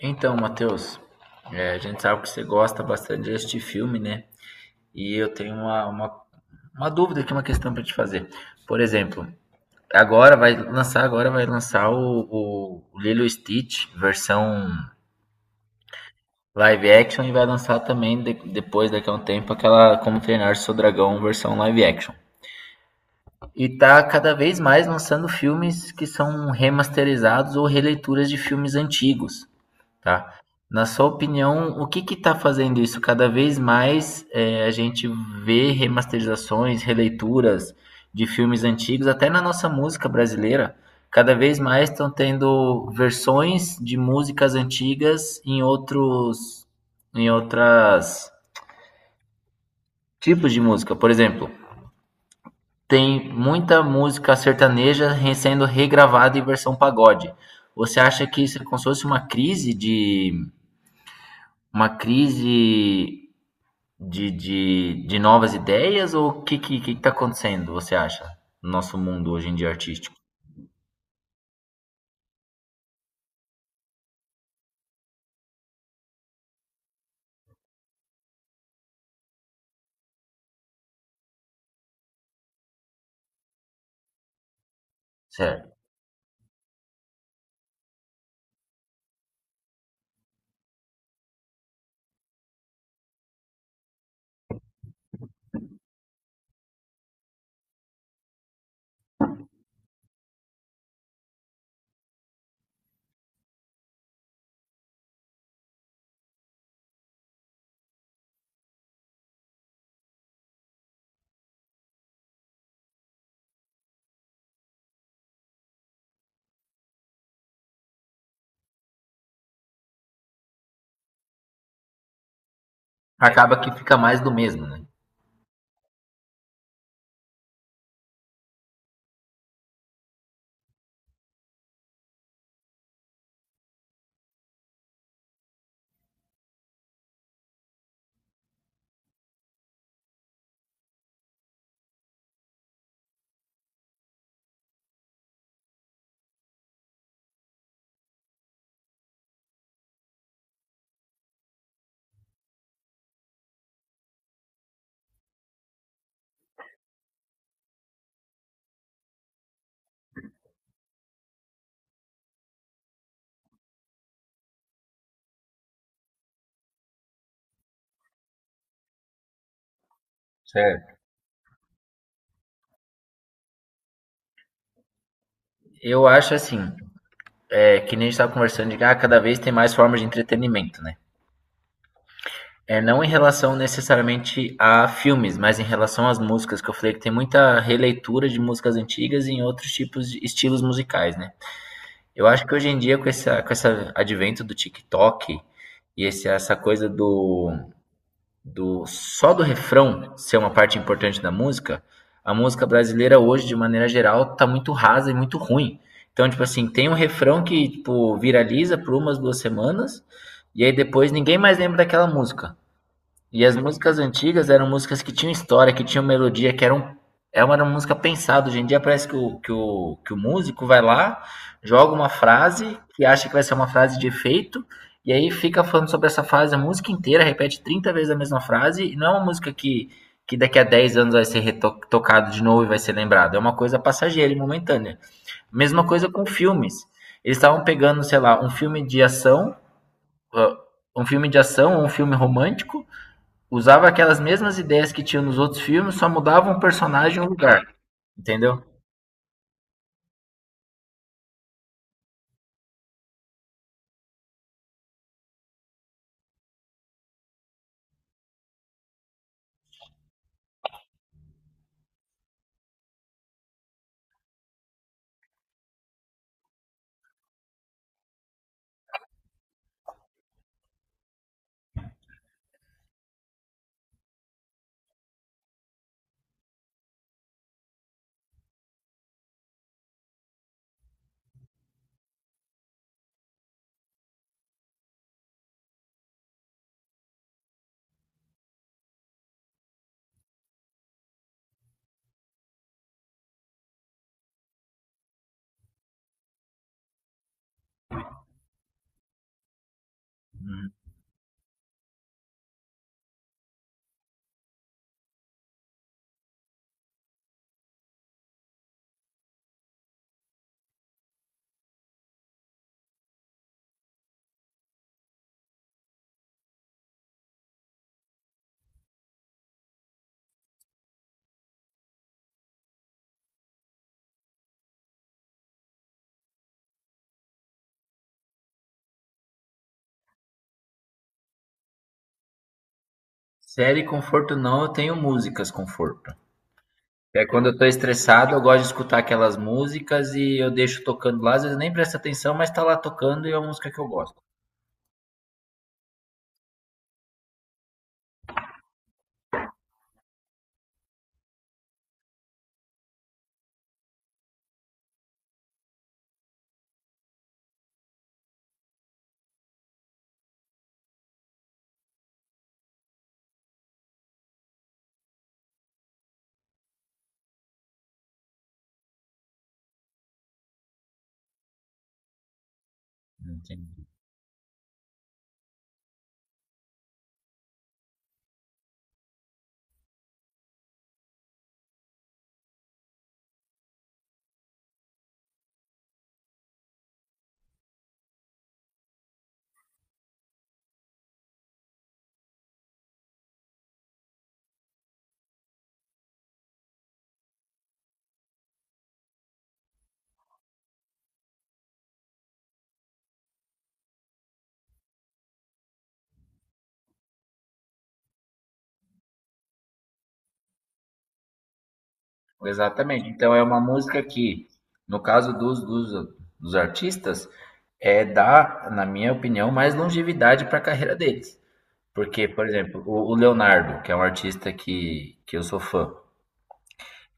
Então, Matheus, a gente sabe que você gosta bastante deste filme, né? E eu tenho uma dúvida aqui, uma questão para te fazer. Por exemplo, agora vai lançar o Lilo e Stitch, versão live action, e vai lançar também depois, daqui a um tempo, aquela Como Treinar Seu Dragão, versão live action. E tá cada vez mais lançando filmes que são remasterizados ou releituras de filmes antigos. Tá. Na sua opinião, o que está fazendo isso? Cada vez mais, a gente vê remasterizações, releituras de filmes antigos, até na nossa música brasileira, cada vez mais estão tendo versões de músicas antigas em outros em outras tipos de música. Por exemplo, tem muita música sertaneja sendo regravada em versão pagode. Você acha que isso é como se fosse uma crise de novas ideias ou o que tá acontecendo, você acha, no nosso mundo hoje em dia artístico? Certo. Acaba que fica mais do mesmo, né? Certo. Eu acho assim, que nem a gente estava conversando de que ah, cada vez tem mais formas de entretenimento, né? É, não em relação necessariamente a filmes, mas em relação às músicas, que eu falei que tem muita releitura de músicas antigas em outros tipos de estilos musicais, né? Eu acho que hoje em dia, com esse advento do TikTok e essa coisa do só do refrão ser uma parte importante da música, a música brasileira hoje, de maneira geral, tá muito rasa e muito ruim. Então, tipo assim, tem um refrão que, tipo, viraliza por umas 2 semanas, e aí depois ninguém mais lembra daquela música. E as músicas antigas eram músicas que tinham história, que tinham melodia, que eram. Era uma música pensada. Hoje em dia parece que o músico vai lá, joga uma frase que acha que vai ser uma frase de efeito, e aí fica falando sobre essa frase a música inteira, repete 30 vezes a mesma frase, e não é uma música que daqui a 10 anos vai ser retocado de novo e vai ser lembrado. É uma coisa passageira e momentânea. Mesma coisa com filmes. Eles estavam pegando, sei lá, um filme de ação, ah, um filme de ação, ou um filme romântico, usava aquelas mesmas ideias que tinha nos outros filmes, só mudava um personagem e um lugar, entendeu? Série conforto não, eu tenho músicas conforto. É quando eu tô estressado, eu gosto de escutar aquelas músicas e eu deixo tocando lá, às vezes eu nem presto atenção, mas tá lá tocando e é uma música que eu gosto. Entendi. Exatamente. Então é uma música que, no caso dos, dos, dos artistas, dá, na minha opinião, mais longevidade para a carreira deles. Porque, por exemplo, o Leonardo, que é um artista que eu sou fã,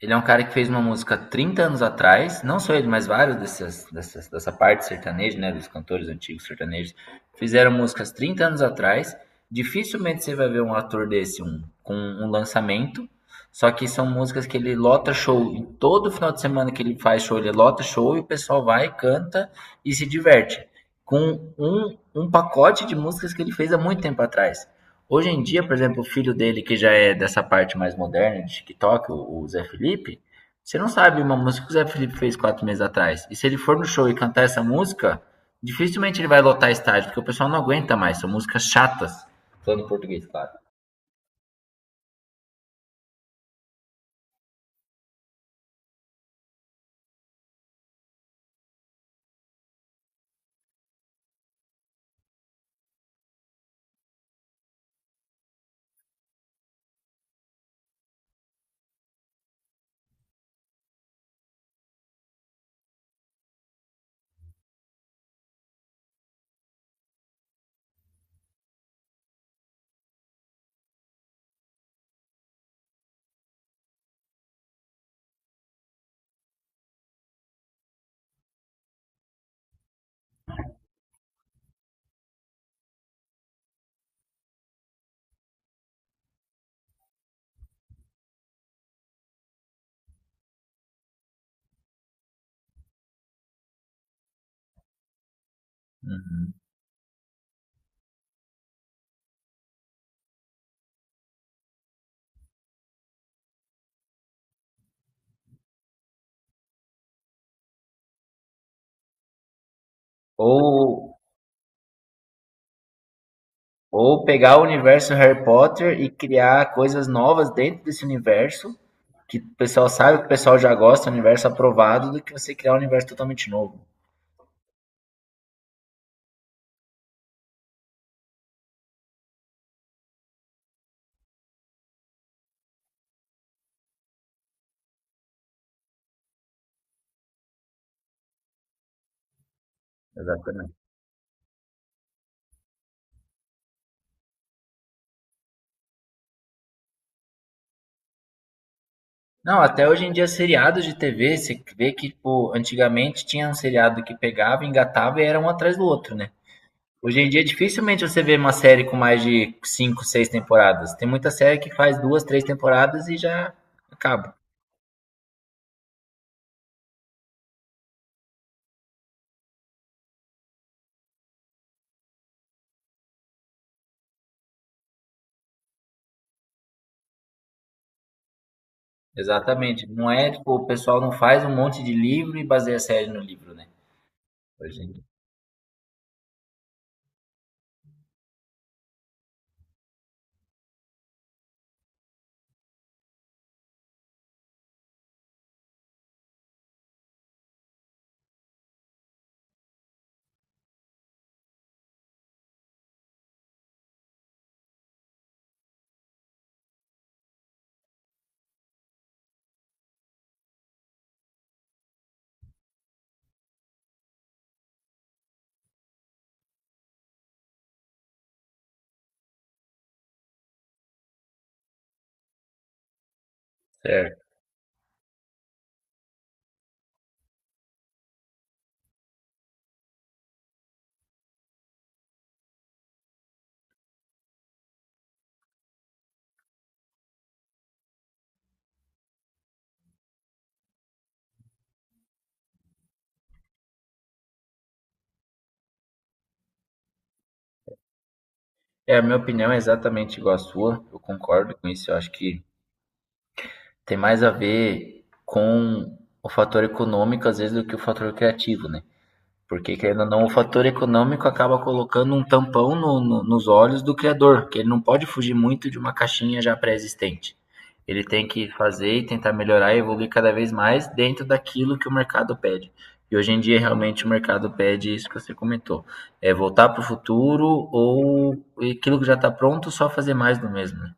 ele é um cara que fez uma música 30 anos atrás, não só ele, mas vários dessa parte sertaneja, né, dos cantores antigos sertanejos, fizeram músicas 30 anos atrás. Dificilmente você vai ver um ator desse um, com um lançamento, só que são músicas que ele lota show, em todo final de semana que ele faz show, ele lota show e o pessoal vai, canta e se diverte. Com um pacote de músicas que ele fez há muito tempo atrás. Hoje em dia, por exemplo, o filho dele, que já é dessa parte mais moderna de TikTok, o Zé Felipe, você não sabe uma música que o Zé Felipe fez 4 meses atrás. E se ele for no show e cantar essa música, dificilmente ele vai lotar estádio, porque o pessoal não aguenta mais. São músicas chatas, falando em português, claro. Ou, ou pegar o universo Harry Potter e criar coisas novas dentro desse universo, que o pessoal sabe, que o pessoal já gosta, universo aprovado, do que você criar um universo totalmente novo. Exatamente. Não, até hoje em dia, seriados de TV, você vê que, tipo, antigamente tinha um seriado que pegava, engatava e era um atrás do outro, né? Hoje em dia, dificilmente você vê uma série com mais de cinco, seis temporadas. Tem muita série que faz duas, três temporadas e já acaba. Exatamente. Não é, tipo, o pessoal não faz um monte de livro e baseia a série no livro, né? Hoje em dia. Certo. É, a minha opinião é exatamente igual à sua. Eu concordo com isso. Eu acho que tem mais a ver com o fator econômico, às vezes, do que o fator criativo, né? Porque, querendo ou não, o fator econômico acaba colocando um tampão nos olhos do criador, que ele não pode fugir muito de uma caixinha já pré-existente. Ele tem que fazer e tentar melhorar e evoluir cada vez mais dentro daquilo que o mercado pede. E hoje em dia, realmente, o mercado pede isso que você comentou. É voltar para o futuro ou aquilo que já está pronto, só fazer mais do mesmo, né?